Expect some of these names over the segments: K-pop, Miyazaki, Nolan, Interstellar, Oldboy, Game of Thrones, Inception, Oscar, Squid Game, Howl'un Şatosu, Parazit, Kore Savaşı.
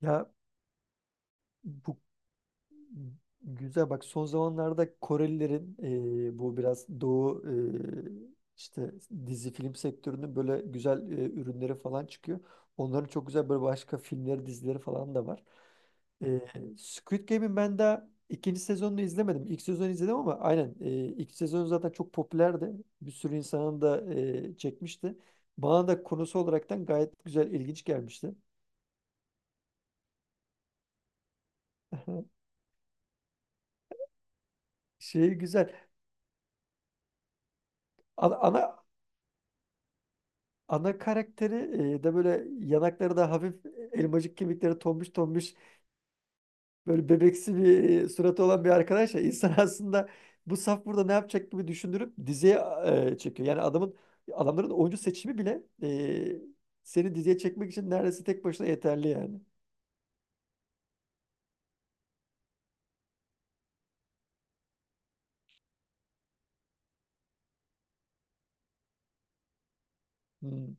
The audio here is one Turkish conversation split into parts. Ya bu güzel, bak, son zamanlarda Korelilerin bu biraz Doğu, e, işte dizi film sektörünün böyle güzel ürünleri falan çıkıyor. Onların çok güzel böyle başka filmleri, dizileri falan da var. E, Squid Game'in ben daha ikinci sezonunu izlemedim. İlk sezonu izledim, ama aynen ilk sezonu zaten çok popülerdi. Bir sürü insanın da çekmişti. Bana da konusu olaraktan gayet güzel, ilginç gelmişti. Şey güzel. Ana ana karakteri da böyle, yanakları da hafif, elmacık kemikleri tombiş tombiş, böyle bebeksi bir suratı olan bir arkadaş ya insan aslında bu saf burada ne yapacak gibi düşündürüp diziye çekiyor. Yani adamların oyuncu seçimi bile seni diziye çekmek için neredeyse tek başına yeterli yani. Hmm.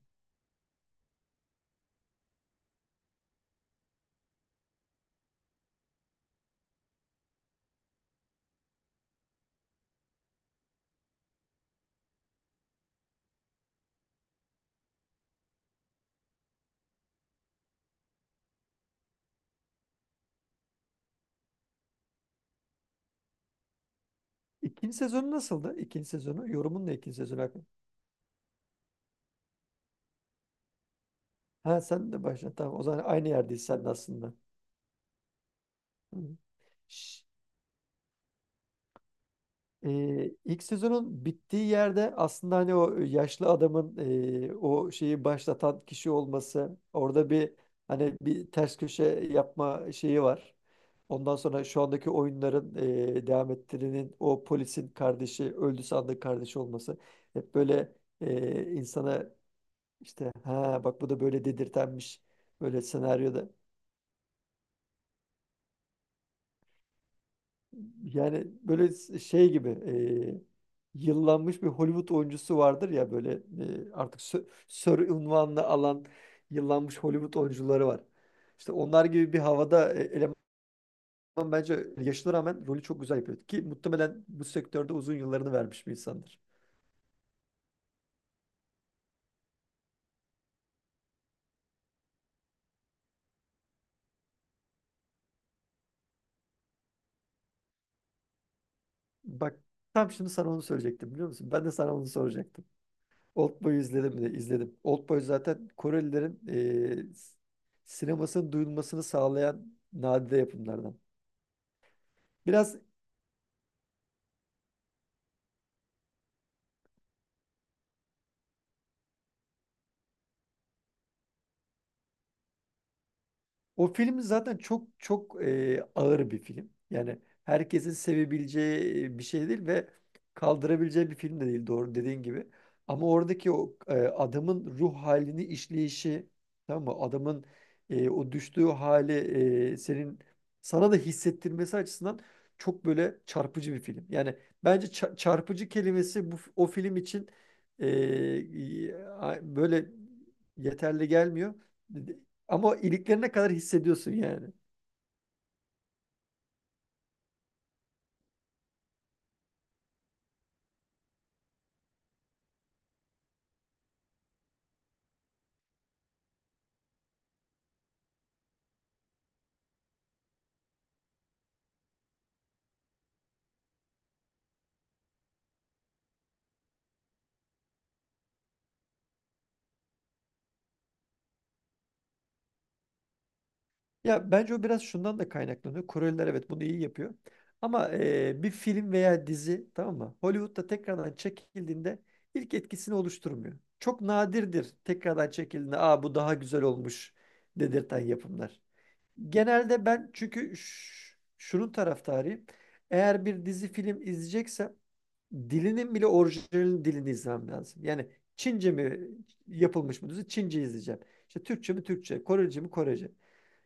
İkinci sezonu nasıldı? İkinci sezonu. Yorumun ne ikinci sezonu hakkında? Ha, sen de başla. Tamam, o zaman aynı yerdeyiz sen de aslında. Hı. İlk sezonun bittiği yerde aslında hani o yaşlı adamın o şeyi başlatan kişi olması, orada bir hani bir ters köşe yapma şeyi var. Ondan sonra şu andaki oyunların devam ettirinin o polisin kardeşi öldü sandığı kardeşi olması, hep böyle insana işte "ha bak bu da böyle" dedirtenmiş böyle senaryoda. Yani böyle şey gibi, yıllanmış bir Hollywood oyuncusu vardır ya böyle, artık sör unvanını alan yıllanmış Hollywood oyuncuları var. İşte onlar gibi bir havada eleman, bence yaşına rağmen rolü çok güzel yapıyor. Ki muhtemelen bu sektörde uzun yıllarını vermiş bir insandır. Bak, tam şimdi sana onu söyleyecektim, biliyor musun? Ben de sana onu soracaktım. Oldboy'u izledim mi? İzledim. Oldboy zaten Korelilerin e, s- sinemasının duyulmasını sağlayan nadide yapımlardan. Biraz o film zaten çok çok ağır bir film. Yani herkesin sevebileceği bir şey değil ve kaldırabileceği bir film de değil, doğru dediğin gibi. Ama oradaki o adamın ruh halini işleyişi, tamam mı? Adamın o düştüğü hali, e, senin sana da hissettirmesi açısından çok böyle çarpıcı bir film. Yani bence çarpıcı kelimesi bu o film için böyle yeterli gelmiyor. Ama o iliklerine kadar hissediyorsun yani. Ya bence o biraz şundan da kaynaklanıyor. Koreliler evet bunu iyi yapıyor. Ama bir film veya dizi, tamam mı? Hollywood'da tekrardan çekildiğinde ilk etkisini oluşturmuyor. Çok nadirdir tekrardan çekildiğinde "aa bu daha güzel olmuş" dedirten yapımlar. Genelde ben çünkü şunun taraftarıyım. Eğer bir dizi film izleyeceksem dilinin bile orijinal dilini izlemem lazım. Yani Çince mi yapılmış mı dizi, Çince izleyeceğim. İşte Türkçe mi Türkçe, Korece mi Korece.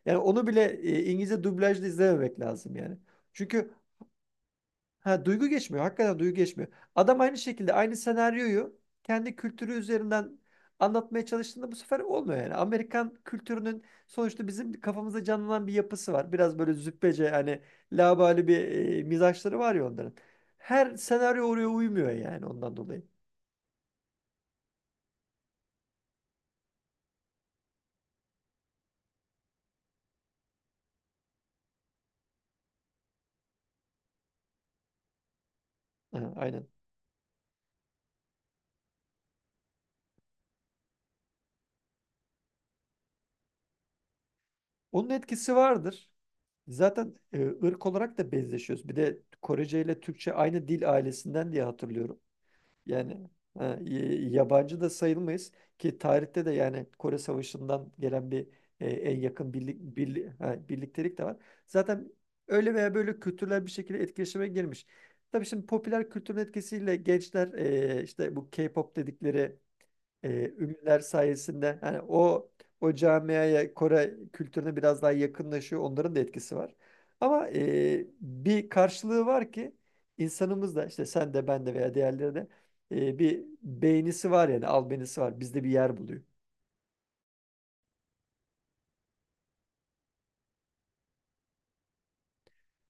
Yani onu bile İngilizce dublajda izlememek lazım yani. Çünkü Ha, duygu geçmiyor. Hakikaten duygu geçmiyor. Adam aynı şekilde aynı senaryoyu kendi kültürü üzerinden anlatmaya çalıştığında bu sefer olmuyor yani. Amerikan kültürünün sonuçta bizim kafamızda canlanan bir yapısı var. Biraz böyle züppece, hani laubali bir mizaçları var ya onların. Her senaryo oraya uymuyor yani, ondan dolayı. Ha, aynen. Onun etkisi vardır. Zaten ırk olarak da benzeşiyoruz. Bir de Korece ile Türkçe aynı dil ailesinden diye hatırlıyorum. Yani ha, yabancı da sayılmayız, ki tarihte de yani Kore Savaşı'ndan gelen bir en yakın birliktelik de var. Zaten öyle veya böyle kültürler bir şekilde etkileşime girmiş. Tabii şimdi popüler kültürün etkisiyle gençler işte bu K-pop dedikleri e, ünlüler sayesinde, hani o camiaya, Kore kültürüne biraz daha yakınlaşıyor. Onların da etkisi var. Ama bir karşılığı var ki, insanımız da işte, sen de ben de veya diğerleri de, bir beynisi var, yani albenisi var. Bizde bir yer buluyor.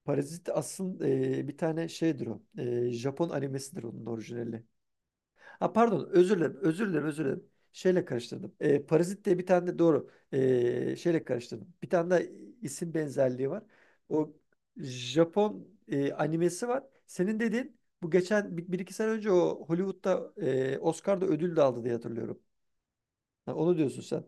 Parazit aslında bir tane şeydir o. E, Japon animesidir onun orijinali. Ha pardon, özür dilerim, özür dilerim, özür dilerim. Şeyle karıştırdım. Parazit diye bir tane de doğru. Şeyle karıştırdım. Bir tane de isim benzerliği var. O Japon animesi var. Senin dediğin bu geçen bir, bir iki sene önce o Hollywood'da Oscar'da ödül de aldı diye hatırlıyorum. Ha, onu diyorsun sen.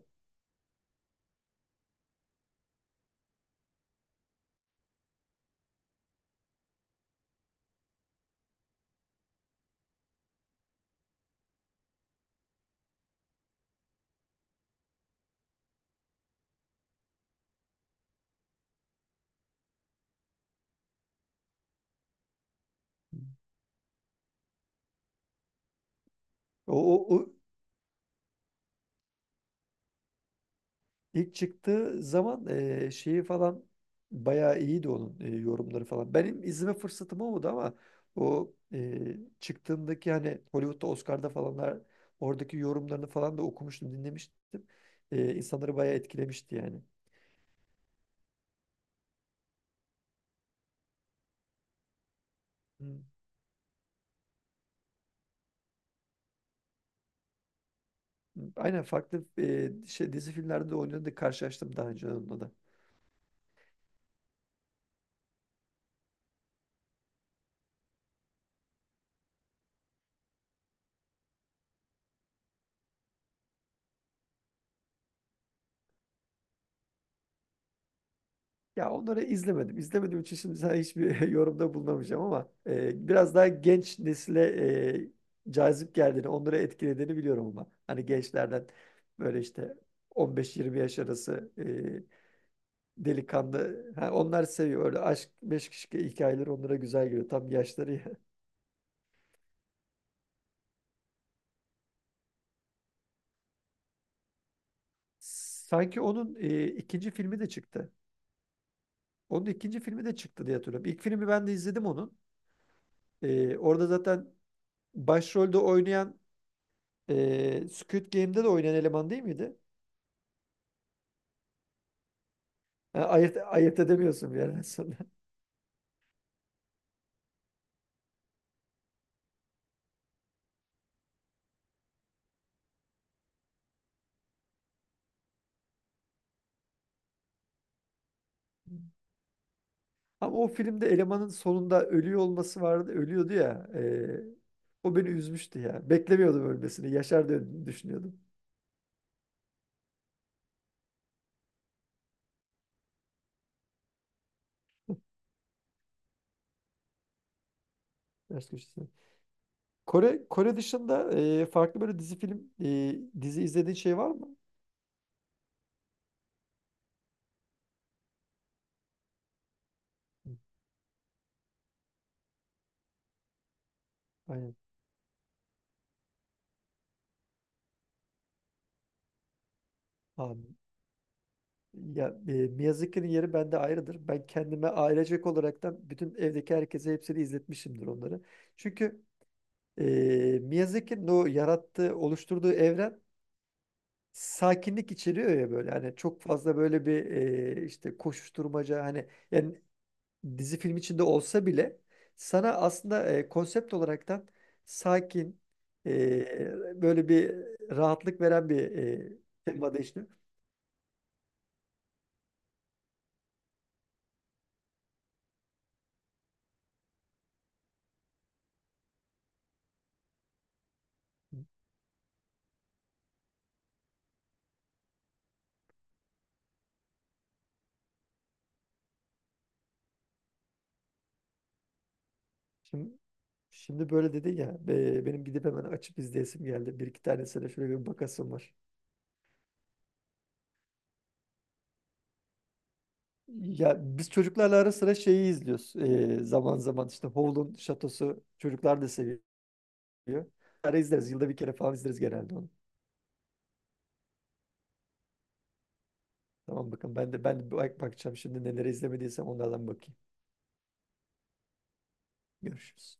O, o, o İlk çıktığı zaman şeyi falan bayağı iyiydi onun, yorumları falan. Benim izleme fırsatım olmadı ama o çıktığındaki hani Hollywood'da Oscar'da falanlar, oradaki yorumlarını falan da okumuştum, dinlemiştim. İnsanları bayağı etkilemişti yani. Hı. Aynen, farklı dizi filmlerde de oynadı, karşılaştım daha önce onunla da. Ya onları izlemedim. İzlemediğim için şimdi sana hiçbir yorumda bulunamayacağım, ama biraz daha genç nesile cazip geldiğini, onları etkilediğini biliyorum ama. Hani gençlerden, böyle işte 15-20 yaş arası delikanlı. Ha, onlar seviyor. Öyle aşk, meşk şike hikayeleri onlara güzel geliyor. Tam yaşları ya. Sanki onun ikinci filmi de çıktı. Onun ikinci filmi de çıktı diye hatırlıyorum. İlk filmi ben de izledim onun. E, orada zaten başrolde oynayan, Squid Game'de de oynayan eleman değil miydi? Ha, ayırt edemiyorsun bir yerden sonra. Ama o filmde elemanın sonunda ölüyor olması vardı. Ölüyordu ya. O beni üzmüştü ya. Beklemiyordum ölmesini. Yaşar diye düşünüyordum. Ters köşesine. Kore dışında farklı böyle dizi film dizi izlediğin şey var mı? Hı. Aynen. Abi. Ya, Miyazaki'nin yeri bende ayrıdır. Ben kendime ailecek olaraktan bütün evdeki herkese hepsini izletmişimdir onları. Çünkü Ee, Miyazaki'nin o yarattığı, oluşturduğu evren sakinlik içeriyor ya böyle. Hani çok fazla böyle bir işte koşuşturmaca, hani yani dizi film içinde olsa bile sana aslında konsept olaraktan sakin, böyle bir rahatlık veren bir temada işliyor. Şimdi, şimdi böyle dedi ya, benim gidip hemen açıp izleyesim geldi. Bir iki tanesine şöyle bir bakasım var. Ya biz çocuklarla ara sıra şeyi izliyoruz. Zaman zaman işte Howl'un Şatosu çocuklar da seviyor. Ara izleriz. Yılda bir kere falan izleriz genelde onu. Tamam bakın, ben de bak bakacağım şimdi, neleri izlemediysem onlardan bakayım. Görüşürüz.